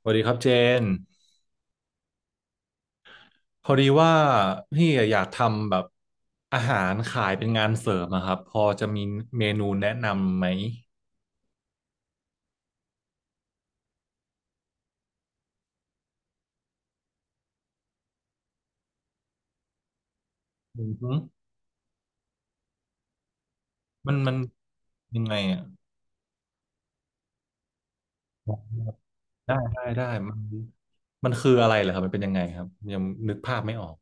สวัสดีครับเจนพอดีว่าพี่อยากทำแบบอาหารขายเป็นงานเสริมอะครับพอจะมีเมนูแนะนำไหมอือฮึมันยังไงอะได้ได้ได้มันคืออะไรเหรอครับมันเป็นยังไงครับยังนึกภาพไม่ออก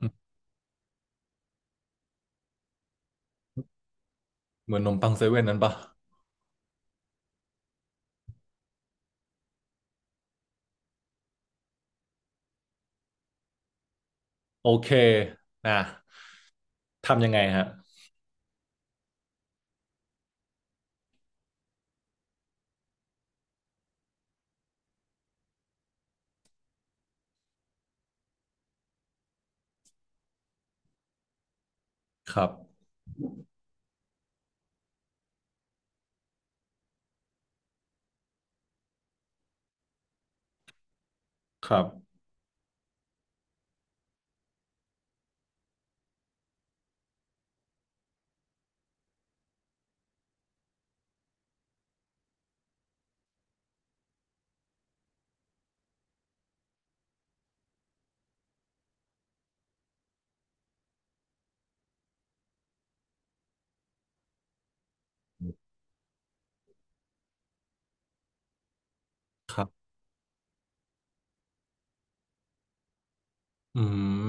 อืมเหมือนนมปังเซเว่นนั้นปะโอเคนะทำยังไงฮะครับครับครับอื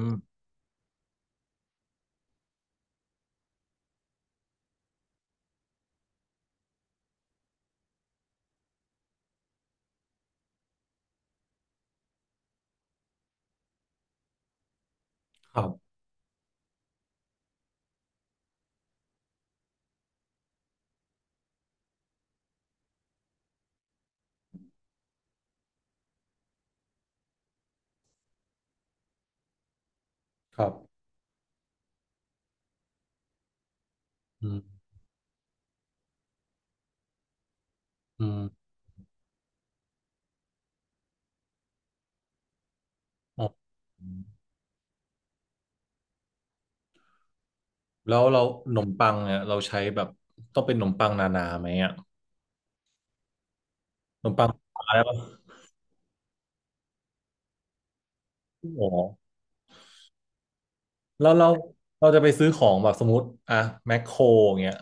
มครับครับอืมอืมอ๋อ แล้วเราขนมปังเนี่ยเราใช้แบบต้องเป็นขนมปังนานาไหมอ่ะขนมปังอะไรปะโอ้แล้วเราจะไปซื้อของแบบสมมติอะแมคโครเงี้ย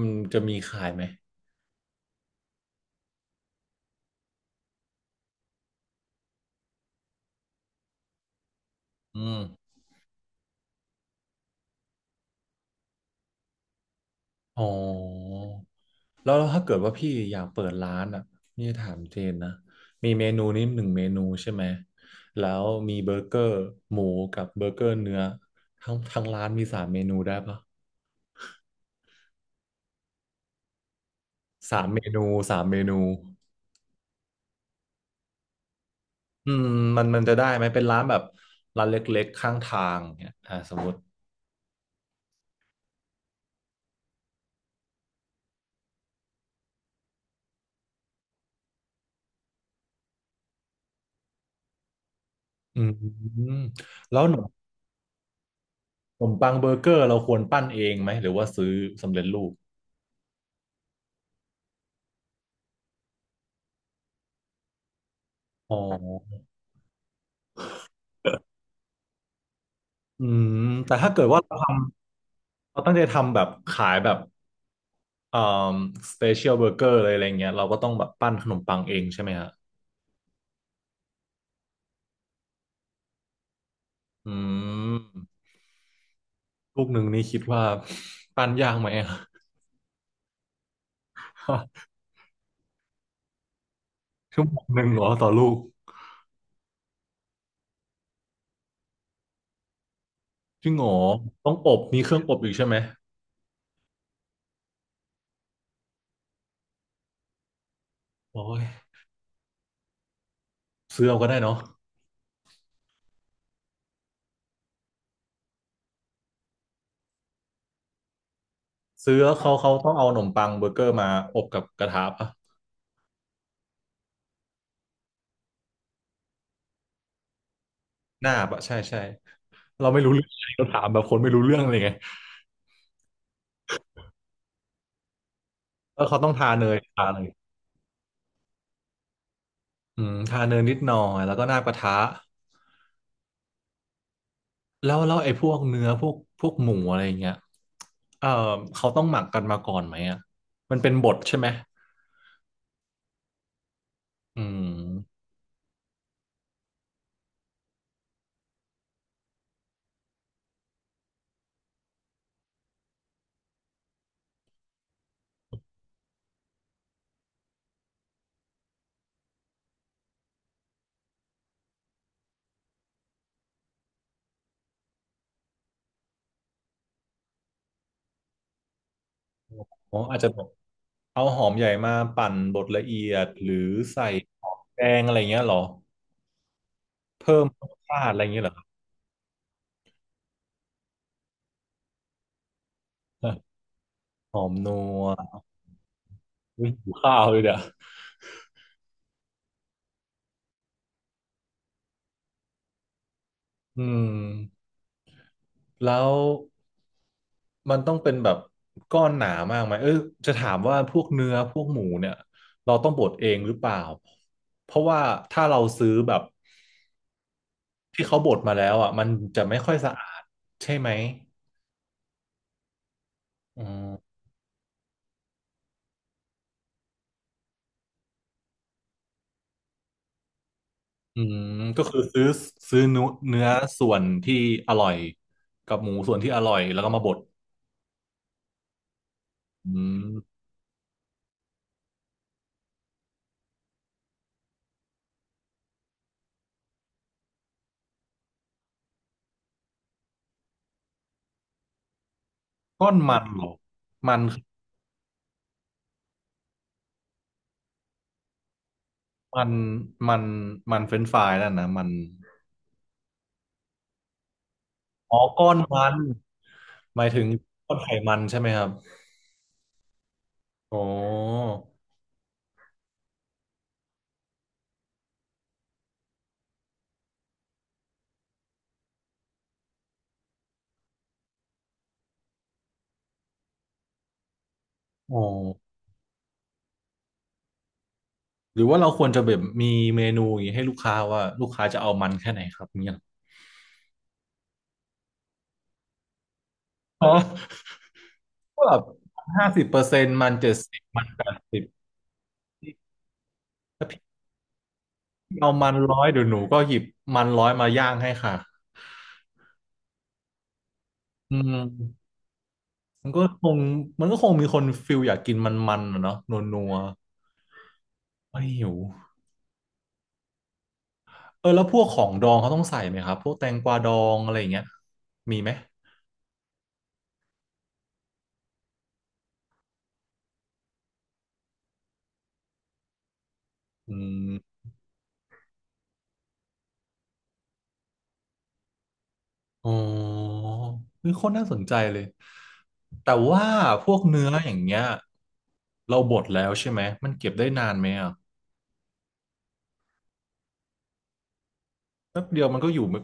มันจะมีขายไหมอืมอ๋อแล้วถ้าเกิดว่าพี่อยากเปิดร้านอ่ะนี่ถามเจนนะมีเมนูนี้หนึ่งเมนูใช่ไหมแล้วมีเบอร์เกอร์หมูกับเบอร์เกอร์เนื้อทั้งร้านมีสามเมนูได้ปะสามเมนูสามเมนู อืมมันจะได้ไหมเป็นร้านแบบร้านเล็กๆข้างทางเนี่ยอ่าสมมติอืมแล้วขนมปังเบอร์เกอร์เราควรปั้นเองไหมหรือว่าซื้อสำเร็จรูปอ๋ออืมแต่ถ้าเกิดว่าเราทำเราตั้งใจทำแบบขายแบบอ่าสเปเชียลเบอร์เกอร์อะไรอะไรเงี้ยเราก็ต้องแบบปั้นขนมปังเองใช่ไหมฮะอืมลูกหนึ่งนี่คิดว่า ปั้นยากไหมอะ ชั่วโมงหนึ่งเหรอต่อลูกจริงเหรอต้องอบมีเครื่องอบอีกใช่ไหมโอ้ยซื้อเอาก็ได้เนาะ ซื้อแล้วเขาต้องเอาขนมปังเบอร์เกอร์มาอบกับกระทะปะหน้าปะใช่ใช่เราไม่รู้เรื่องเราถามแบบคนไม่รู้เรื่องเลยไงแล้วเขาต้องทาเนยอืมทาเนยนิดหน่อยแล้วก็หน้ากระทะแล้วไอ้พวกเนื้อพวกหมูอะไรอย่างเงี้ยเออเขาต้องหมักกันมาก่อนไหมอ่ะมันเป็นบดใช่ไหมอืมอ๋ออาจจะแบบเอาหอมใหญ่มาปั่นบดละเอียดหรือใส่หอมแดงอะไรเงี้ยเหรอเพิ่มรสชาติอะไรเงี้ยเหรอ หอมนัวอุ๊ยหิวข้าวเลยเดี๋ยว อืมแล้วมันต้องเป็นแบบก้อนหนามากไหมเออจะถามว่าพวกเนื้อพวกหมูเนี่ยเราต้องบดเองหรือเปล่าเพราะว่าถ้าเราซื้อแบบที่เขาบดมาแล้วอ่ะมันจะไม่ค่อยสะอาดใช่ไหมอืมอืมก็คือซื้อเนื้อส่วนที่อร่อยกับหมูส่วนที่อร่อยแล้วก็มาบดอืมก้อนมันเหรอมันมันมันมันเฟรนช์ฟรายนั่นนะมัน อ๋อก้อนมันหมายถึงก้อนไขมันใช่ไหมครับอ๋ออ๋อหรือว่าเราควรจะแบบมีเมนูอย่างนี้ให้ลูกค้าว่าลูกค้าจะเอามันแค่ไหนครับเนี่ยอ๋อแบบ50%มัน70มัน80ถ้าพี่เอามันร้อยเดี๋ยวหนูก็หยิบมันร้อยมาย่างให้ค่ะอืมมันก็คงมันก็คงมีคนฟิลอยากกินมันๆอะเนาะนัวๆไม่หิวเออแล้วพวกของดองเขาต้องใส่ไหมครับพวกแตงกวาดองอะไรอย่างเงี้ยมีไหม อืมอ๋อนี่โคตรน่าสนใจเลย แต่ว่าพวกเนื้ออย่างเงี้ยเราบดแล้วใช่ไหม มันเก็บได้นานไหมอ่ะแป๊บเดียวมันก็อยู่ไม่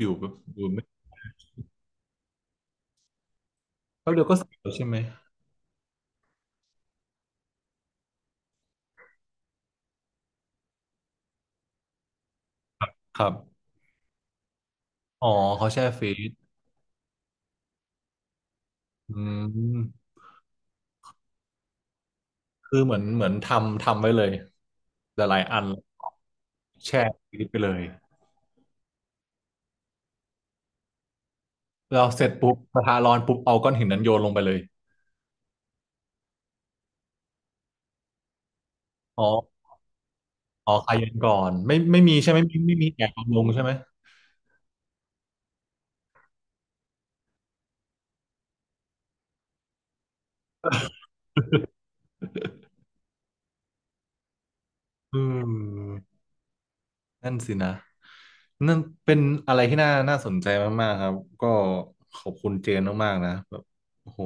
อยู่แบบอยู่ไม่แป๊บเดียวก็เสร็จแล้วใช่ไหมครับอ๋อเขาแช่ฟรีซอืมคือเหมือนทำ ทำไว้เลยหลายๆอันแช่ฟรีซไปเลย เราเสร็จปุ๊บกระทะร้อนปุ๊บเอาก้อนหินนั้นโยนลงไปเลย อ๋ออ๋อคาเย็นก่อน ไม่ไม่มีใช่ไหมไม่ไม่มีแอบลงใช่ไหม อืม นั่นสินะนั่นเป็นอะไรที่น่าสนใจมากๆครับก็ขอบคุณเจนมากๆนะแบบโอ้โห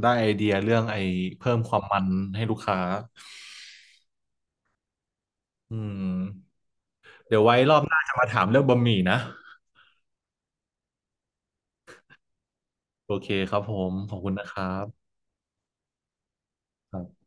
ได้ไอเดียเรื่องไอ้เพิ่มความมันให้ลูกค้าอืมเดี๋ยวไว้รอบหน้าจะมาถามเรื่องบะหมี่นะโอเคครับผมขอบคุณนะครับครับ